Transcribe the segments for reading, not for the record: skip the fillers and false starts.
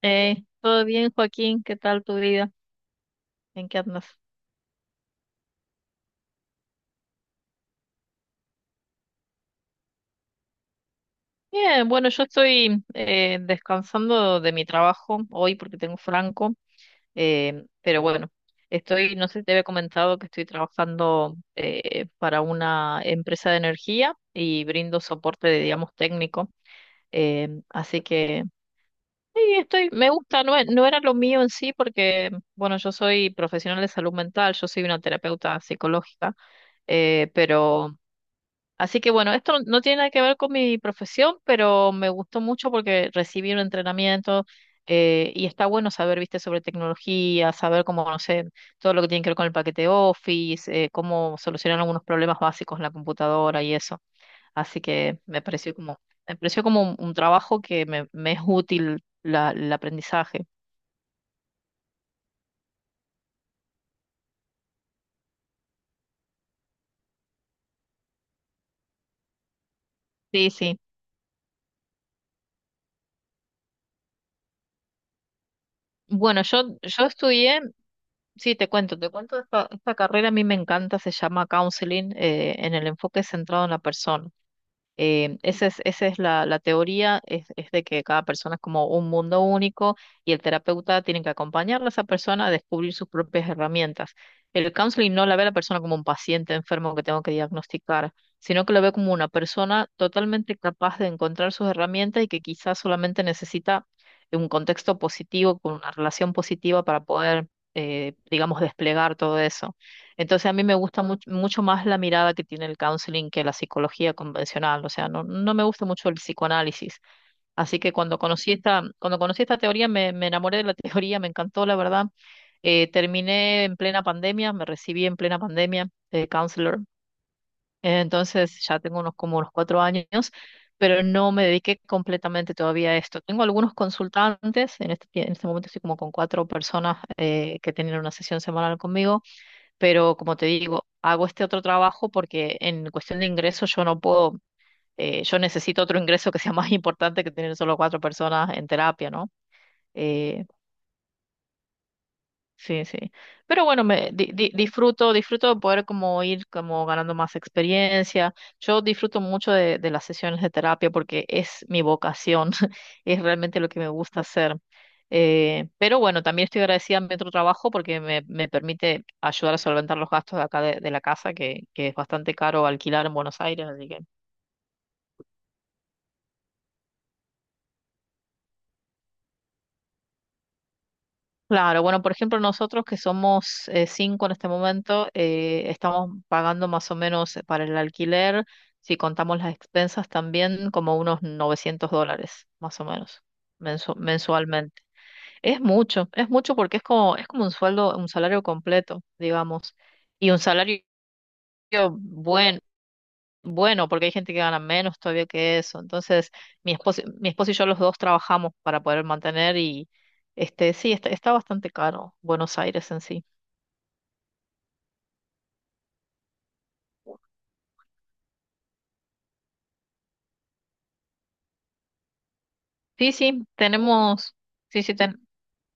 Hey, ¿todo bien, Joaquín? ¿Qué tal tu vida? ¿En qué andas? Bien, bueno, yo estoy descansando de mi trabajo hoy porque tengo franco, pero bueno, estoy, no sé si te había comentado que estoy trabajando para una empresa de energía y brindo soporte, digamos, técnico, así que sí, estoy, me gusta, no, no era lo mío en sí porque, bueno, yo soy profesional de salud mental, yo soy una terapeuta psicológica, pero así que bueno, esto no tiene nada que ver con mi profesión, pero me gustó mucho porque recibí un entrenamiento y está bueno saber, viste, sobre tecnología, saber cómo, no sé, todo lo que tiene que ver con el paquete Office, cómo solucionar algunos problemas básicos en la computadora y eso. Así que me pareció como un trabajo que me es útil el aprendizaje. Sí, sí. Bueno, yo estudié. Sí, te cuento esta carrera a mí me encanta, se llama counseling, en el enfoque centrado en la persona. Esa es la teoría, es de que cada persona es como un mundo único y el terapeuta tiene que acompañar a esa persona a descubrir sus propias herramientas. El counseling no la ve a la persona como un paciente enfermo que tengo que diagnosticar, sino que lo ve como una persona totalmente capaz de encontrar sus herramientas y que quizás solamente necesita un contexto positivo, con una relación positiva para poder, digamos, desplegar todo eso. Entonces a mí me gusta mucho más la mirada que tiene el counseling que la psicología convencional, o sea, no me gusta mucho el psicoanálisis. Así que cuando conocí esta teoría me enamoré de la teoría, me encantó, la verdad. Terminé en plena pandemia, me recibí en plena pandemia de counselor. Entonces ya tengo unos como unos 4 años, pero no me dediqué completamente todavía a esto. Tengo algunos consultantes, en este momento estoy como con cuatro personas que tienen una sesión semanal conmigo, pero como te digo, hago este otro trabajo porque en cuestión de ingresos yo no puedo, yo necesito otro ingreso que sea más importante que tener solo cuatro personas en terapia, ¿no? Eh, Sí, sí. Pero bueno, disfruto, disfruto de poder como ir como ganando más experiencia. Yo disfruto mucho de las sesiones de terapia porque es mi vocación, es realmente lo que me gusta hacer. Pero bueno, también estoy agradecida a mi otro trabajo porque me permite ayudar a solventar los gastos de acá de la casa, que es bastante caro alquilar en Buenos Aires, así que claro, bueno, por ejemplo, nosotros que somos cinco en este momento, estamos pagando más o menos para el alquiler, si contamos las expensas también, como unos $900, más o menos, mensualmente. Es mucho porque es como un sueldo, un salario completo, digamos, y un salario bueno, bueno, porque hay gente que gana menos todavía que eso. Entonces, mi esposo y yo los dos trabajamos para poder mantener y este, sí, está, está bastante caro Buenos Aires en sí. Sí, sí, tenemos, sí, sí, ten-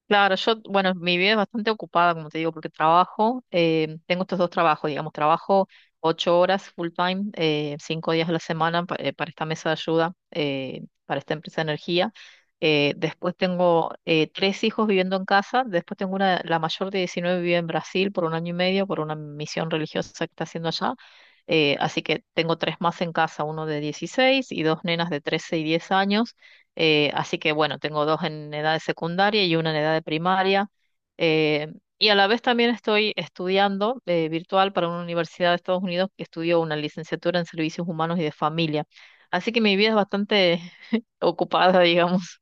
Claro, yo, bueno, mi vida es bastante ocupada, como te digo, porque trabajo, tengo estos dos trabajos, digamos, trabajo 8 horas full time, 5 días a la semana para esta mesa de ayuda, para esta empresa de energía. Después tengo tres hijos viviendo en casa, después tengo una, la mayor de 19 vive en Brasil por un año y medio, por una misión religiosa que está haciendo allá. Así que tengo tres más en casa, uno de 16 y dos nenas de 13 y 10 años. Así que bueno, tengo dos en edad de secundaria y una en edad de primaria. Eh, y a la vez también estoy estudiando virtual para una universidad de Estados Unidos que estudió una licenciatura en servicios humanos y de familia. Así que mi vida es bastante ocupada, digamos.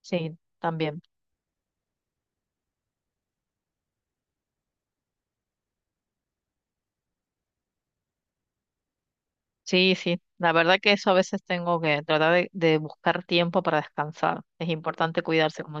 Sí, también. Sí, sí. La verdad que eso a veces tengo que tratar de buscar tiempo para descansar. Es importante cuidarse, como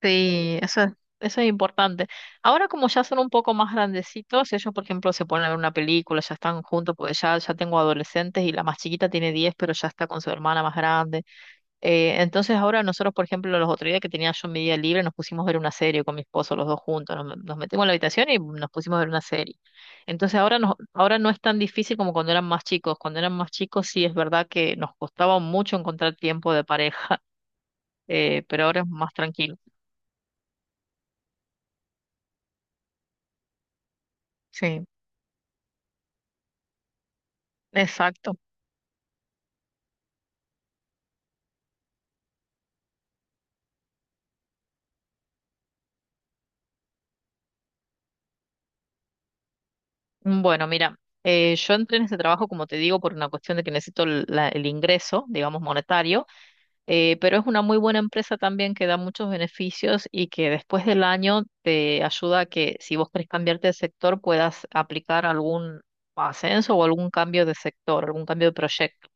sí, eso es importante. Ahora como ya son un poco más grandecitos, ellos por ejemplo se ponen a ver una película, ya están juntos, porque ya tengo adolescentes y la más chiquita tiene 10, pero ya está con su hermana más grande. Entonces ahora nosotros, por ejemplo, los otros días que tenía yo mi día libre, nos pusimos a ver una serie con mi esposo, los dos juntos, nos metimos en la habitación y nos pusimos a ver una serie. Entonces ahora, ahora no es tan difícil como cuando eran más chicos. Cuando eran más chicos sí es verdad que nos costaba mucho encontrar tiempo de pareja, pero ahora es más tranquilo. Sí. Exacto. Bueno, mira, yo entré en ese trabajo, como te digo, por una cuestión de que necesito el ingreso, digamos, monetario, pero es una muy buena empresa también que da muchos beneficios y que después del año te ayuda a que si vos querés cambiarte de sector puedas aplicar algún ascenso o algún cambio de sector, algún cambio de proyecto.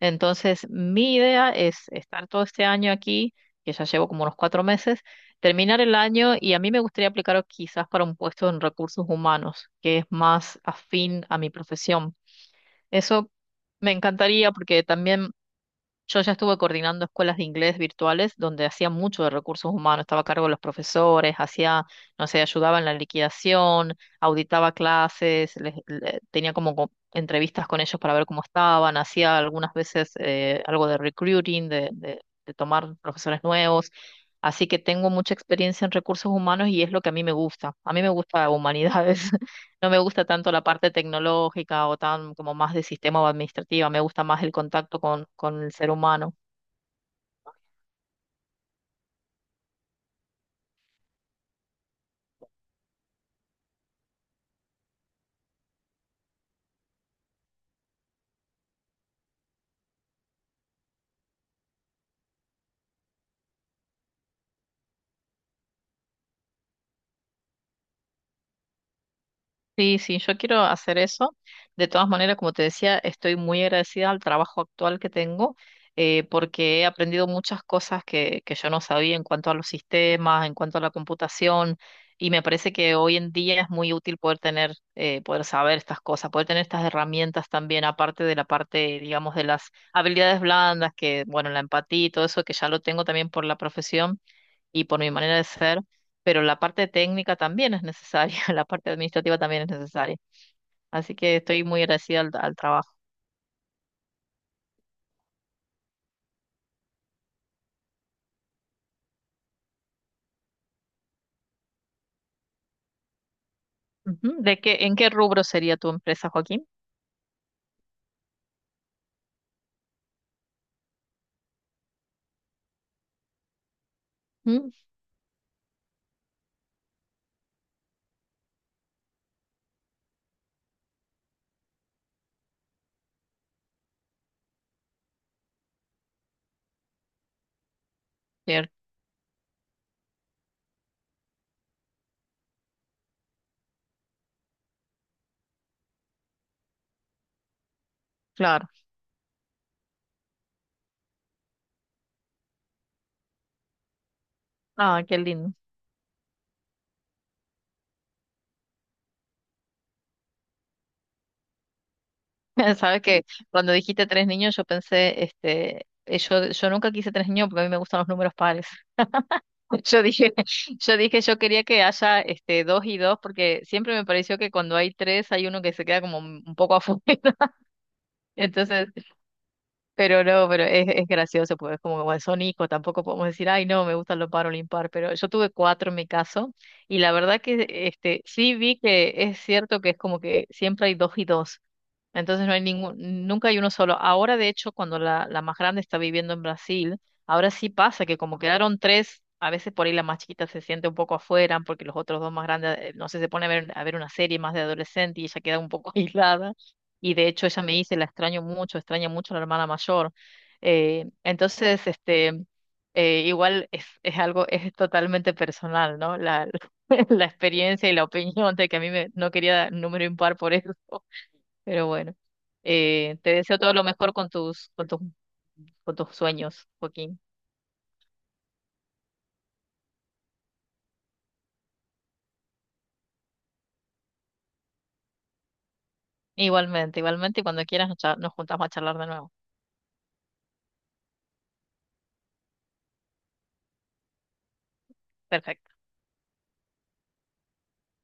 Entonces, mi idea es estar todo este año aquí, que ya llevo como unos 4 meses, terminar el año y a mí me gustaría aplicar quizás para un puesto en recursos humanos, que es más afín a mi profesión. Eso me encantaría porque también yo ya estuve coordinando escuelas de inglés virtuales donde hacía mucho de recursos humanos, estaba a cargo de los profesores, hacía, no sé, ayudaba en la liquidación, auditaba clases, tenía como entrevistas con ellos para ver cómo estaban, hacía algunas veces algo de recruiting, de tomar profesores nuevos. Así que tengo mucha experiencia en recursos humanos y es lo que a mí me gusta. A mí me gusta humanidades. No me gusta tanto la parte tecnológica o tan como más de sistema o administrativa, me gusta más el contacto con el ser humano. Sí, sí, yo quiero hacer eso. De todas maneras, como te decía, estoy muy agradecida al trabajo actual que tengo, porque he aprendido muchas cosas que yo no sabía en cuanto a los sistemas, en cuanto a la computación, y me parece que hoy en día es muy útil poder tener, poder saber estas cosas, poder tener estas herramientas también, aparte de la parte, digamos, de las habilidades blandas, que, bueno, la empatía y todo eso, que ya lo tengo también por la profesión y por mi manera de ser, pero la parte técnica también es necesaria, la parte administrativa también es necesaria. Así que estoy muy agradecida al trabajo. Ujú. ¿En qué rubro sería tu empresa, Joaquín? Mm, bien. Claro. Ah, qué lindo. Sabes que cuando dijiste tres niños, yo pensé, este, yo nunca quise tres niños porque a mí me gustan los números pares. Yo dije, yo dije, yo quería que haya este dos y dos, porque siempre me pareció que cuando hay tres hay uno que se queda como un poco afuera. Entonces, pero no, pero es gracioso, pues como, como bueno, son hijos, tampoco podemos decir, ay, no, me gustan los par o el impar, pero yo tuve cuatro en mi caso, y la verdad que este, sí vi que es cierto que es como que siempre hay dos y dos, entonces no hay ningún, nunca hay uno solo. Ahora, de hecho, cuando la más grande está viviendo en Brasil, ahora sí pasa que como quedaron tres, a veces por ahí la más chiquita se siente un poco afuera, porque los otros dos más grandes, no sé, se pone a ver una serie más de adolescente y ella queda un poco aislada. Y de hecho ella me dice, la extraño mucho, extraña mucho a la hermana mayor. Eh, entonces, este, Igual es algo, es totalmente personal, ¿no? La, la experiencia y la opinión de que a mí me, no quería número impar por eso. Pero bueno, te deseo todo lo mejor con tus, con tus, con tus sueños, Joaquín. Igualmente, igualmente, y cuando quieras nos, nos juntamos a charlar de nuevo. Perfecto.